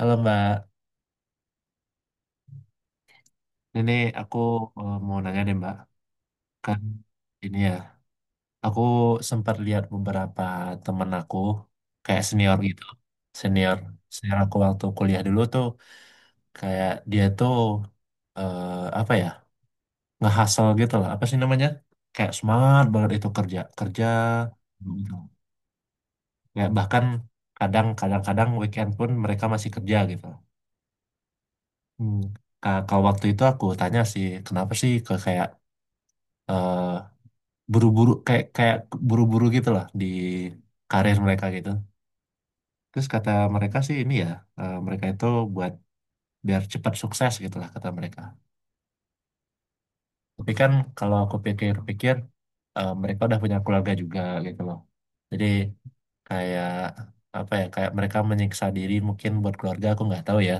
Halo Mbak, ini aku mau nanya deh Mbak, kan ini ya, aku sempat lihat beberapa temen aku, kayak senior gitu, senior, senior aku waktu kuliah dulu tuh, kayak dia tuh, eh, apa ya, ngehasil gitu lah, apa sih namanya, kayak semangat banget itu kerja, kerja, gitu. Kayak bahkan kadang-kadang-kadang weekend pun mereka masih kerja gitu. Hmm. Kalau waktu itu aku tanya sih, kenapa sih ke kayak eh, buru-buru kayak kayak buru-buru gitu lah di karir mereka gitu. Terus kata mereka sih ini ya, mereka itu buat biar cepat sukses gitu lah kata mereka. Tapi kan kalau aku pikir-pikir, mereka udah punya keluarga juga gitu loh. Jadi kayak apa ya, kayak mereka menyiksa diri mungkin buat keluarga aku nggak tahu ya.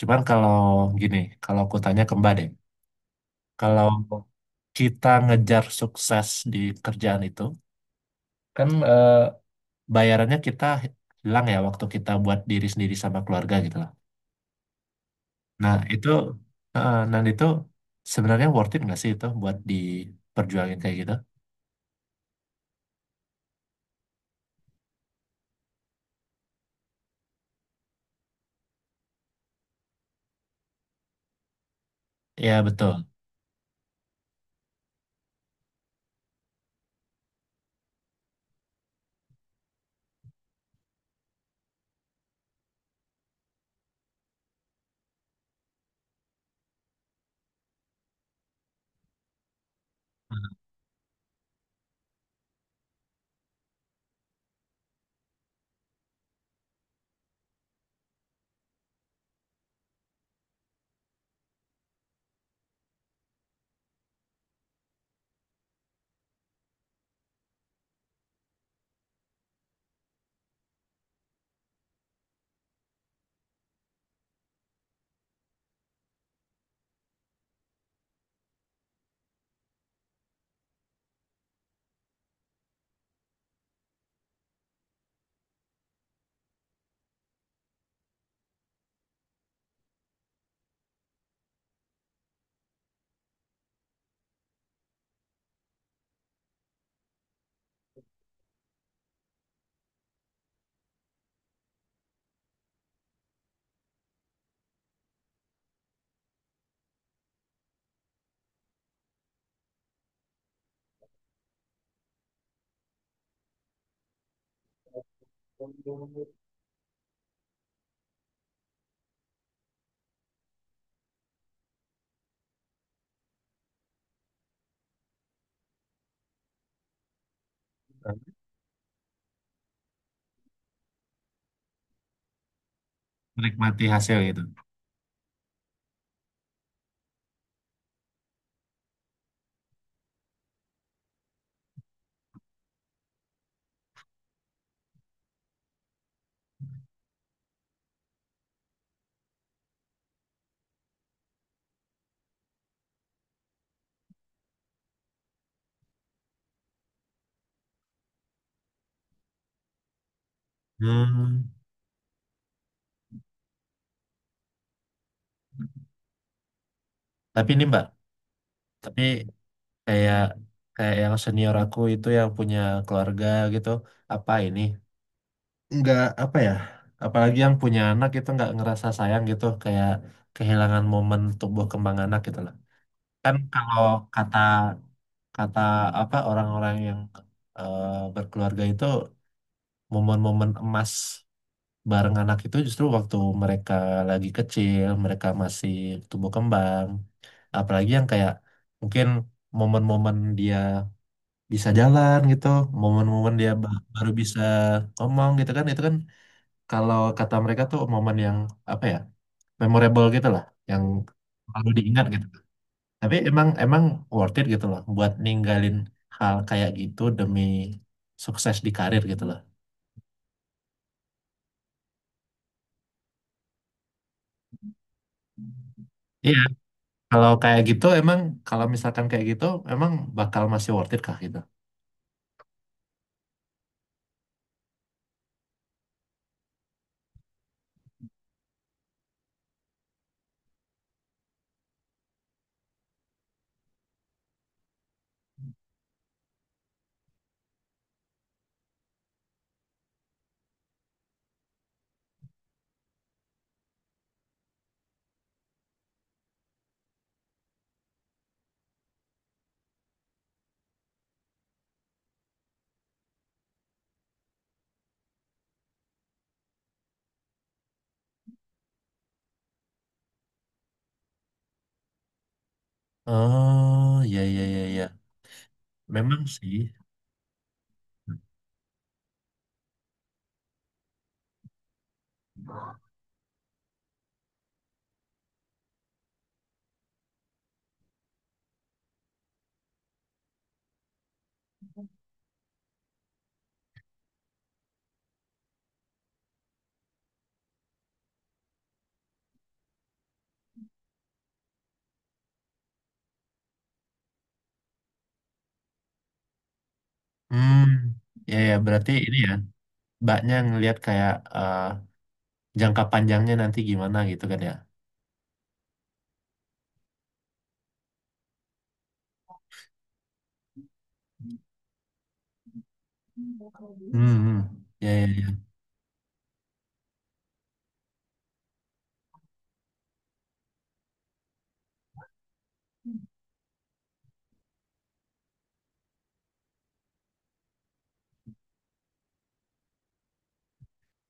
Cuman kalau gini, kalau aku tanya ke Mbak deh, kalau kita ngejar sukses di kerjaan itu, kan bayarannya kita hilang ya waktu kita buat diri sendiri sama keluarga gitu lah. Nah itu, nah itu sebenarnya worth it nggak sih itu buat diperjuangin kayak gitu? Ya betul, menikmati hasil gitu. Hmm. Tapi ini Mbak, tapi kayak kayak yang senior aku itu yang punya keluarga gitu, apa ini? Nggak apa ya? Apalagi yang punya anak itu nggak ngerasa sayang gitu, kayak kehilangan momen tumbuh kembang anak gitu loh. Kan kalau kata kata apa orang-orang yang eh, berkeluarga itu momen-momen emas bareng anak itu justru waktu mereka lagi kecil, mereka masih tumbuh kembang, apalagi yang kayak mungkin momen-momen dia bisa jalan gitu, momen-momen dia baru bisa ngomong gitu kan, itu kan kalau kata mereka tuh momen yang apa ya, memorable gitu lah, yang selalu diingat gitu. Tapi emang emang worth it gitu loh buat ninggalin hal kayak gitu demi sukses di karir gitu loh. Iya, kalau kayak gitu emang kalau misalkan kayak gitu emang bakal masih worth it kah gitu? Oh, iya iya iya iya. Memang sih. Hmm, ya ya berarti ini ya, mbaknya ngelihat kayak eh, jangka panjangnya nanti gimana gitu kan ya. Hmm, hmm. Ya ya ya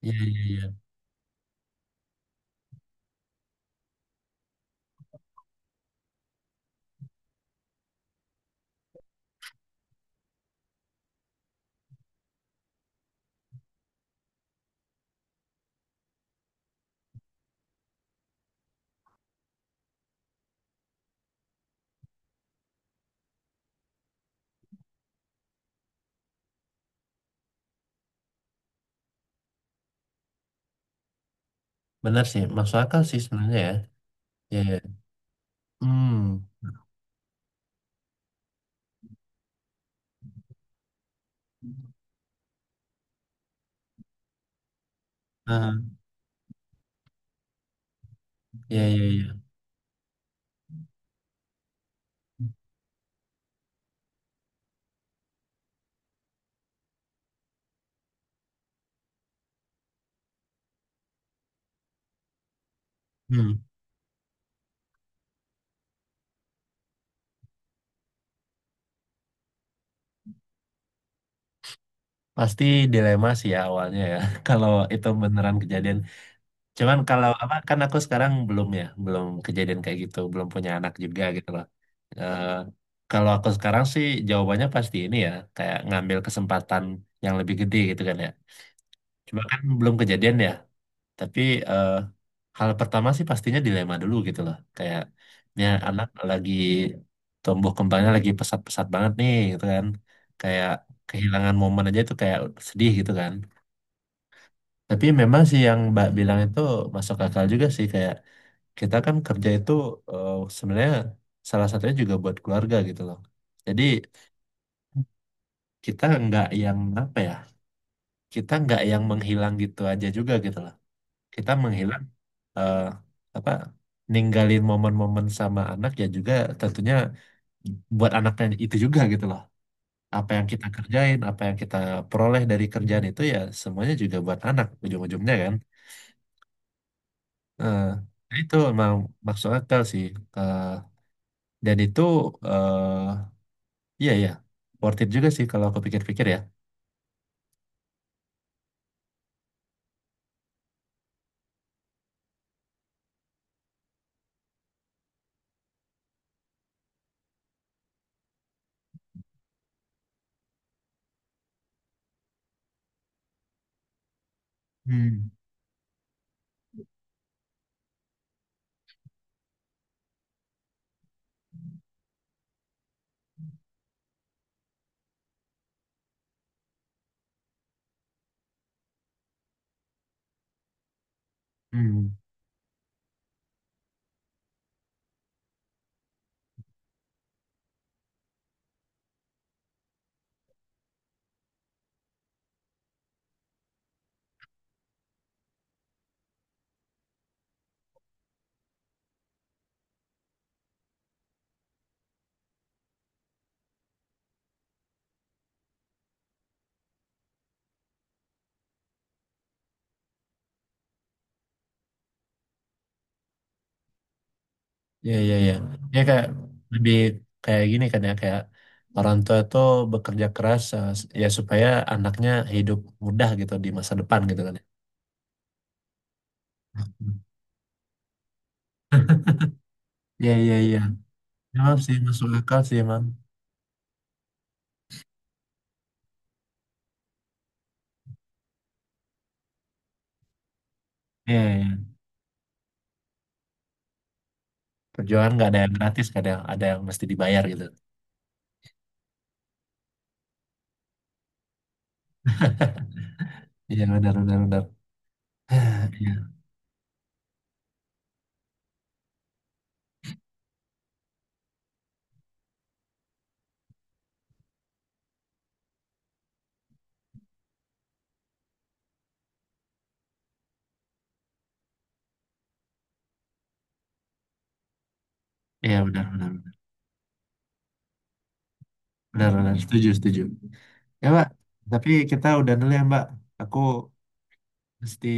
ya ya ya. Benar sih, masuk akal sih sebenarnya ya. Ya ya. Hmm. Ah, ya ya ya. Hmm. Pasti dilema sih ya awalnya ya, kalau itu beneran kejadian. Cuman kalau apa, kan aku sekarang belum ya, belum kejadian kayak gitu, belum punya anak juga gitu loh. Eh, Kalau aku sekarang sih jawabannya pasti ini ya, kayak ngambil kesempatan yang lebih gede gitu kan ya. Cuma kan belum kejadian ya, tapi eh, hal pertama sih pastinya dilema dulu gitu loh. Kayak, ya anak lagi tumbuh kembangnya lagi pesat-pesat banget nih gitu kan. Kayak kehilangan momen aja itu kayak sedih gitu kan, tapi memang sih yang Mbak bilang itu masuk akal juga sih kayak kita kan kerja itu sebenarnya salah satunya juga buat keluarga gitu loh. Jadi kita nggak yang apa ya? Kita nggak yang menghilang gitu aja juga gitu loh. Kita menghilang eh, apa? Ninggalin momen-momen sama anak ya juga tentunya buat anaknya itu juga gitu loh. Apa yang kita kerjain, apa yang kita peroleh dari kerjaan itu ya semuanya juga buat anak ujung-ujungnya kan. eh, nah itu emang maksud akal sih. Eh, dan itu eh iya ya worth it juga sih kalau aku pikir-pikir ya. Hmm. Hmm. Iya iya iya. Ya kayak lebih kayak gini kan ya kayak orang tua tuh bekerja keras ya supaya anaknya hidup mudah gitu di masa depan gitu kan. Ya. Iya iya iya. Memang sih masuk akal sih emang. Iya iya. Perjuangan nggak ada yang gratis, kadang ada yang mesti dibayar gitu. Iya benar benar benar. Iya iya benar benar. Benar-benar setuju, setuju. Ya, Mbak. Tapi kita udah dulu ya, Mbak. Aku mesti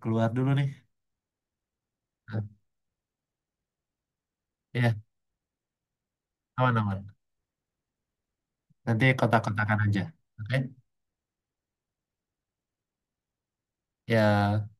keluar dulu nih. Ya, aman-aman. Nanti kontak-kontakan aja. Oke? Ya.